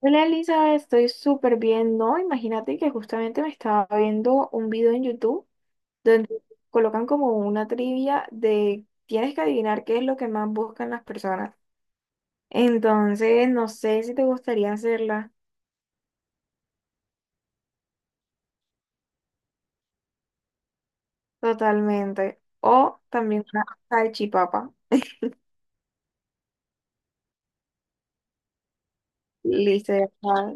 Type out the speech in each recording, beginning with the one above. Hola Elizabeth, estoy súper bien, ¿no? Imagínate que justamente me estaba viendo un video en YouTube donde colocan como una trivia de tienes que adivinar qué es lo que más buscan las personas. Entonces, no sé si te gustaría hacerla totalmente. O también una salchipapa. Listo, ya está.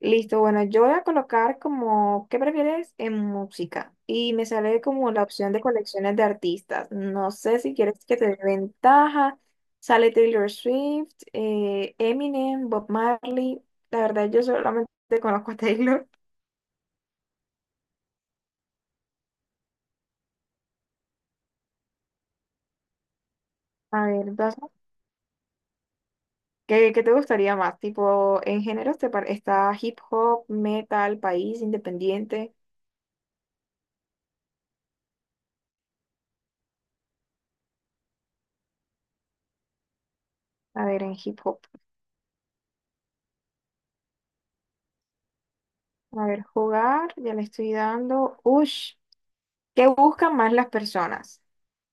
Listo, bueno, yo voy a colocar como, ¿qué prefieres en música? Y me sale como la opción de colecciones de artistas. No sé si quieres que te dé ventaja. Sale Taylor Swift, Eminem, Bob Marley. La verdad, yo solamente conozco a Taylor. A ver, ¿Qué te gustaría más? Tipo, en géneros está hip hop, metal, país, independiente. A ver, en hip hop. A ver, jugar, ya le estoy dando. Ush, ¿qué buscan más las personas?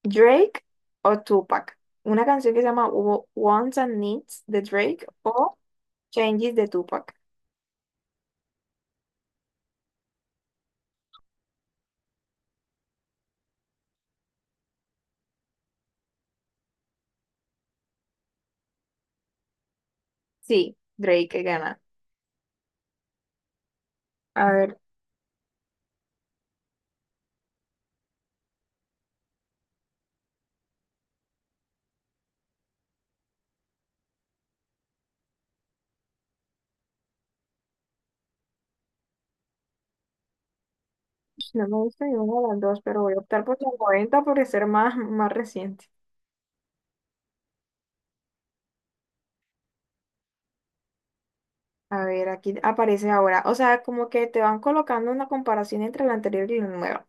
Drake o Tupac. Una canción que se llama Wants and Needs de Drake o Changes de Tupac. Sí, Drake gana. A ver, no me gusta ninguna de las dos, pero voy a optar por la 40 por ser más, más reciente. A ver, aquí aparece ahora. O sea, como que te van colocando una comparación entre la anterior y la nueva.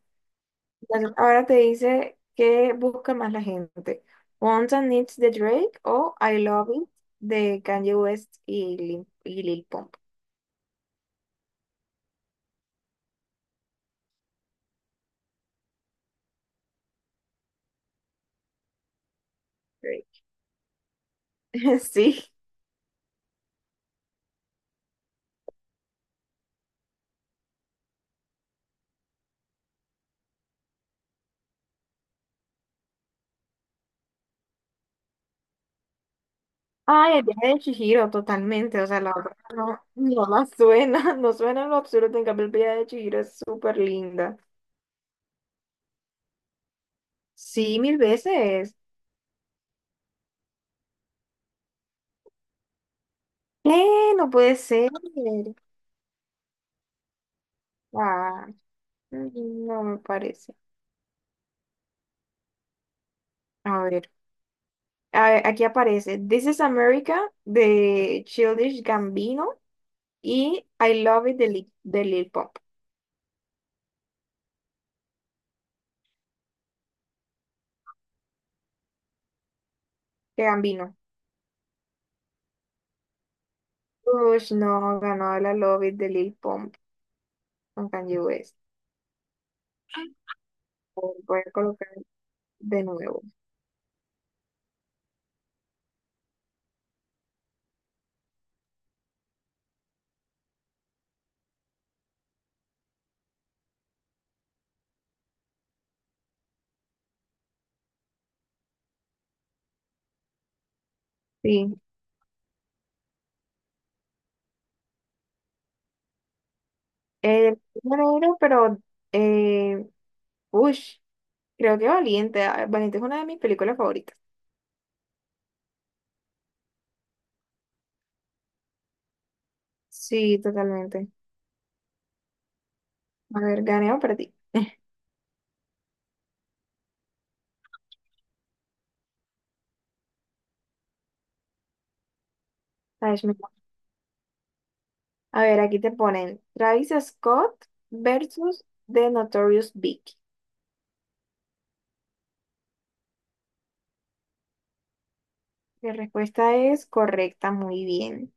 Entonces, ahora te dice qué busca más la gente. Wants and Needs de Drake o I Love It de Kanye West y Lil Pump. Drake. Sí. Ay, el viaje de Chihiro, totalmente. O sea, la otra no, no la suena, no suena en lo absurdo. En cambio, el viaje de Chihiro es súper linda. Sí, mil veces. ¿Qué? No puede ser. Ah, no me parece. A ver, a ver, aquí aparece This is America de Childish Gambino y I Love It de Lil Pump. De Gambino. Uy, no, ganó la Love It de Lil Pump con Kanye West. Voy a colocar de nuevo. Sí. Eh, bueno, bueno, pero, eh, uy, creo que Valiente. Ah, Valiente es una de mis películas favoritas. Sí, totalmente. A ver, ganeo para ti. Ay, a ver, aquí te ponen Travis Scott versus The Notorious Big. La respuesta es correcta, muy bien.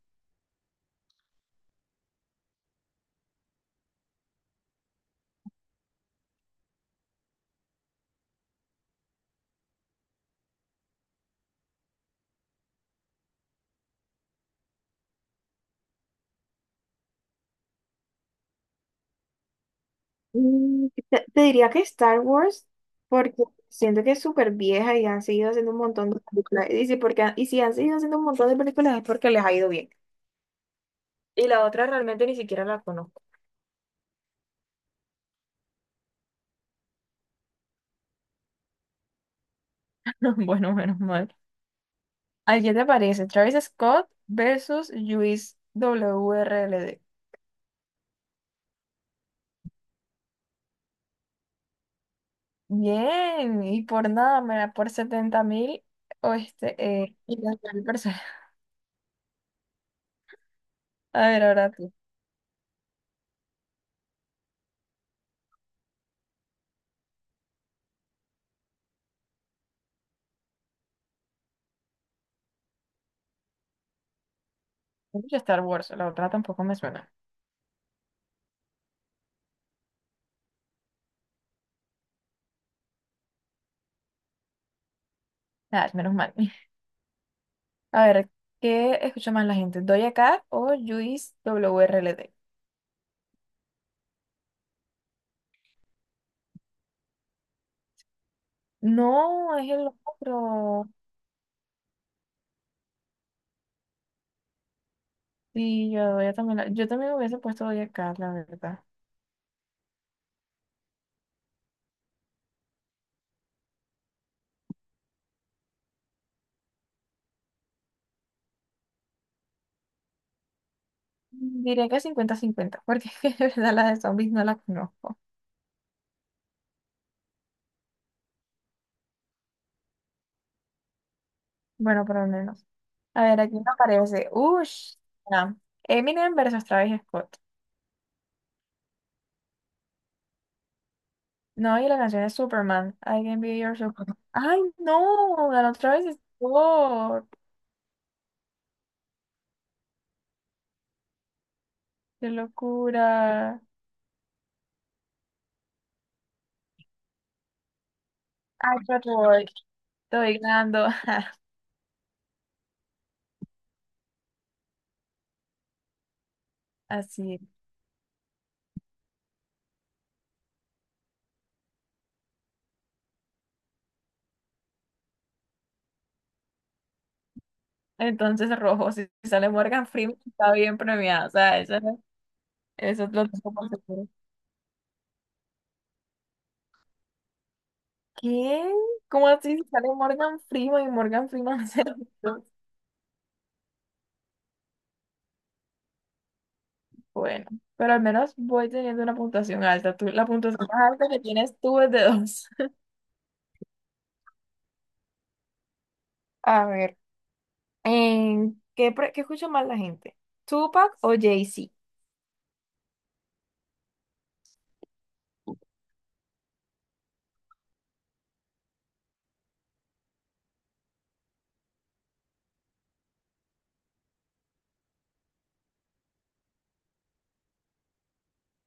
Te diría que Star Wars, porque siento que es súper vieja y han seguido haciendo un montón de películas. Y si han seguido haciendo un montón de películas es porque les ha ido bien. Y la otra realmente ni siquiera la conozco. Bueno, menos mal. ¿A qué te parece? Travis Scott versus Luis WRLD. Bien, y por nada, mira, por 70.000 o y las 1.000 personas. A ver, ahora tú. Escucho Star Wars, la otra tampoco me suena. Ah, menos mal. A ver, ¿qué escucha más la gente? ¿Doja Cat o Luis WRLD? No, es el otro. Sí, yo, Doja también, yo también hubiese puesto Doja Cat, la verdad. Diría que 50-50, porque es que de verdad la de zombies no la conozco. Bueno, por lo menos. A ver, aquí me aparece. Ush. Ah, Eminem versus Travis Scott. No, y la canción es Superman. I can be your Superman. ¡Ay, no! Ganó Travis Scott. ¡Qué locura! ¡Ay, qué boy! Estoy ganando. Así. Entonces, rojo. Si sale Morgan Freeman, está bien premiado. O sea, eso lo tengo por seguro. ¿Qué? ¿Cómo así, si sale Morgan Freeman y Morgan Freeman hace lo mismo? Bueno, pero al menos voy teniendo una puntuación alta. La puntuación más alta que tienes tú es de dos. A ver, ¿qué escucha más la gente? ¿Tupac o Jay-Z?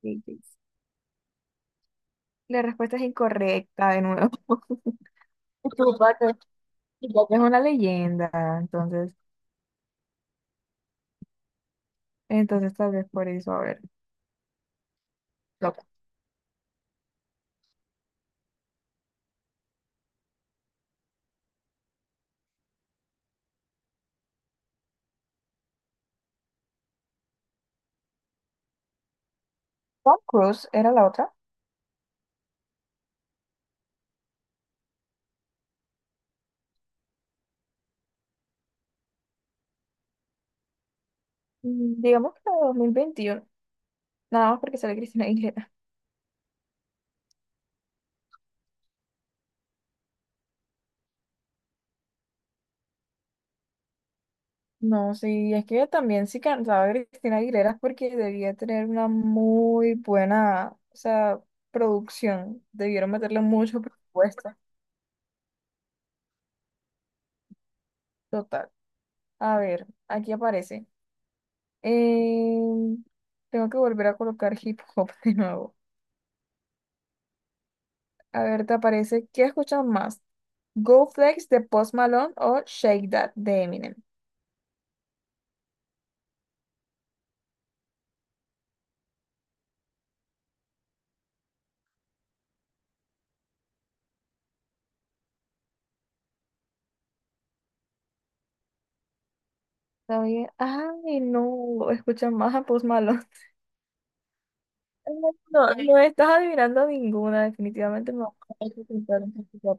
Sí, sí. La respuesta es incorrecta de nuevo. Tupac es Tupac es una leyenda, entonces, entonces tal vez por eso, a ver. Loca. Tom Cruise era la otra. Digamos que la de 2021 nada más porque sale Cristina. No, sí, es que también sí cantaba Cristina Aguilera es porque debía tener una muy buena, o sea, producción. Debieron meterle mucho presupuesto. Total. A ver, aquí aparece. Eh, Tengo que volver a colocar hip hop de nuevo. A ver, te aparece, ¿qué escuchan más? Go Flex de Post Malone o Shake That de Eminem. Está bien. Ay, no, escuchan más a Post Malone. No, no estás adivinando ninguna, definitivamente no. Hay que pintar un poquito,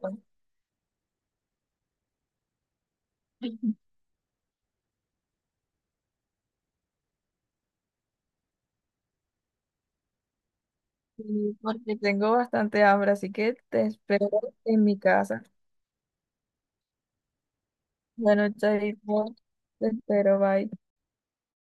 sí, porque tengo bastante hambre, así que te espero en mi casa. Bueno, chaito, te espero, bye.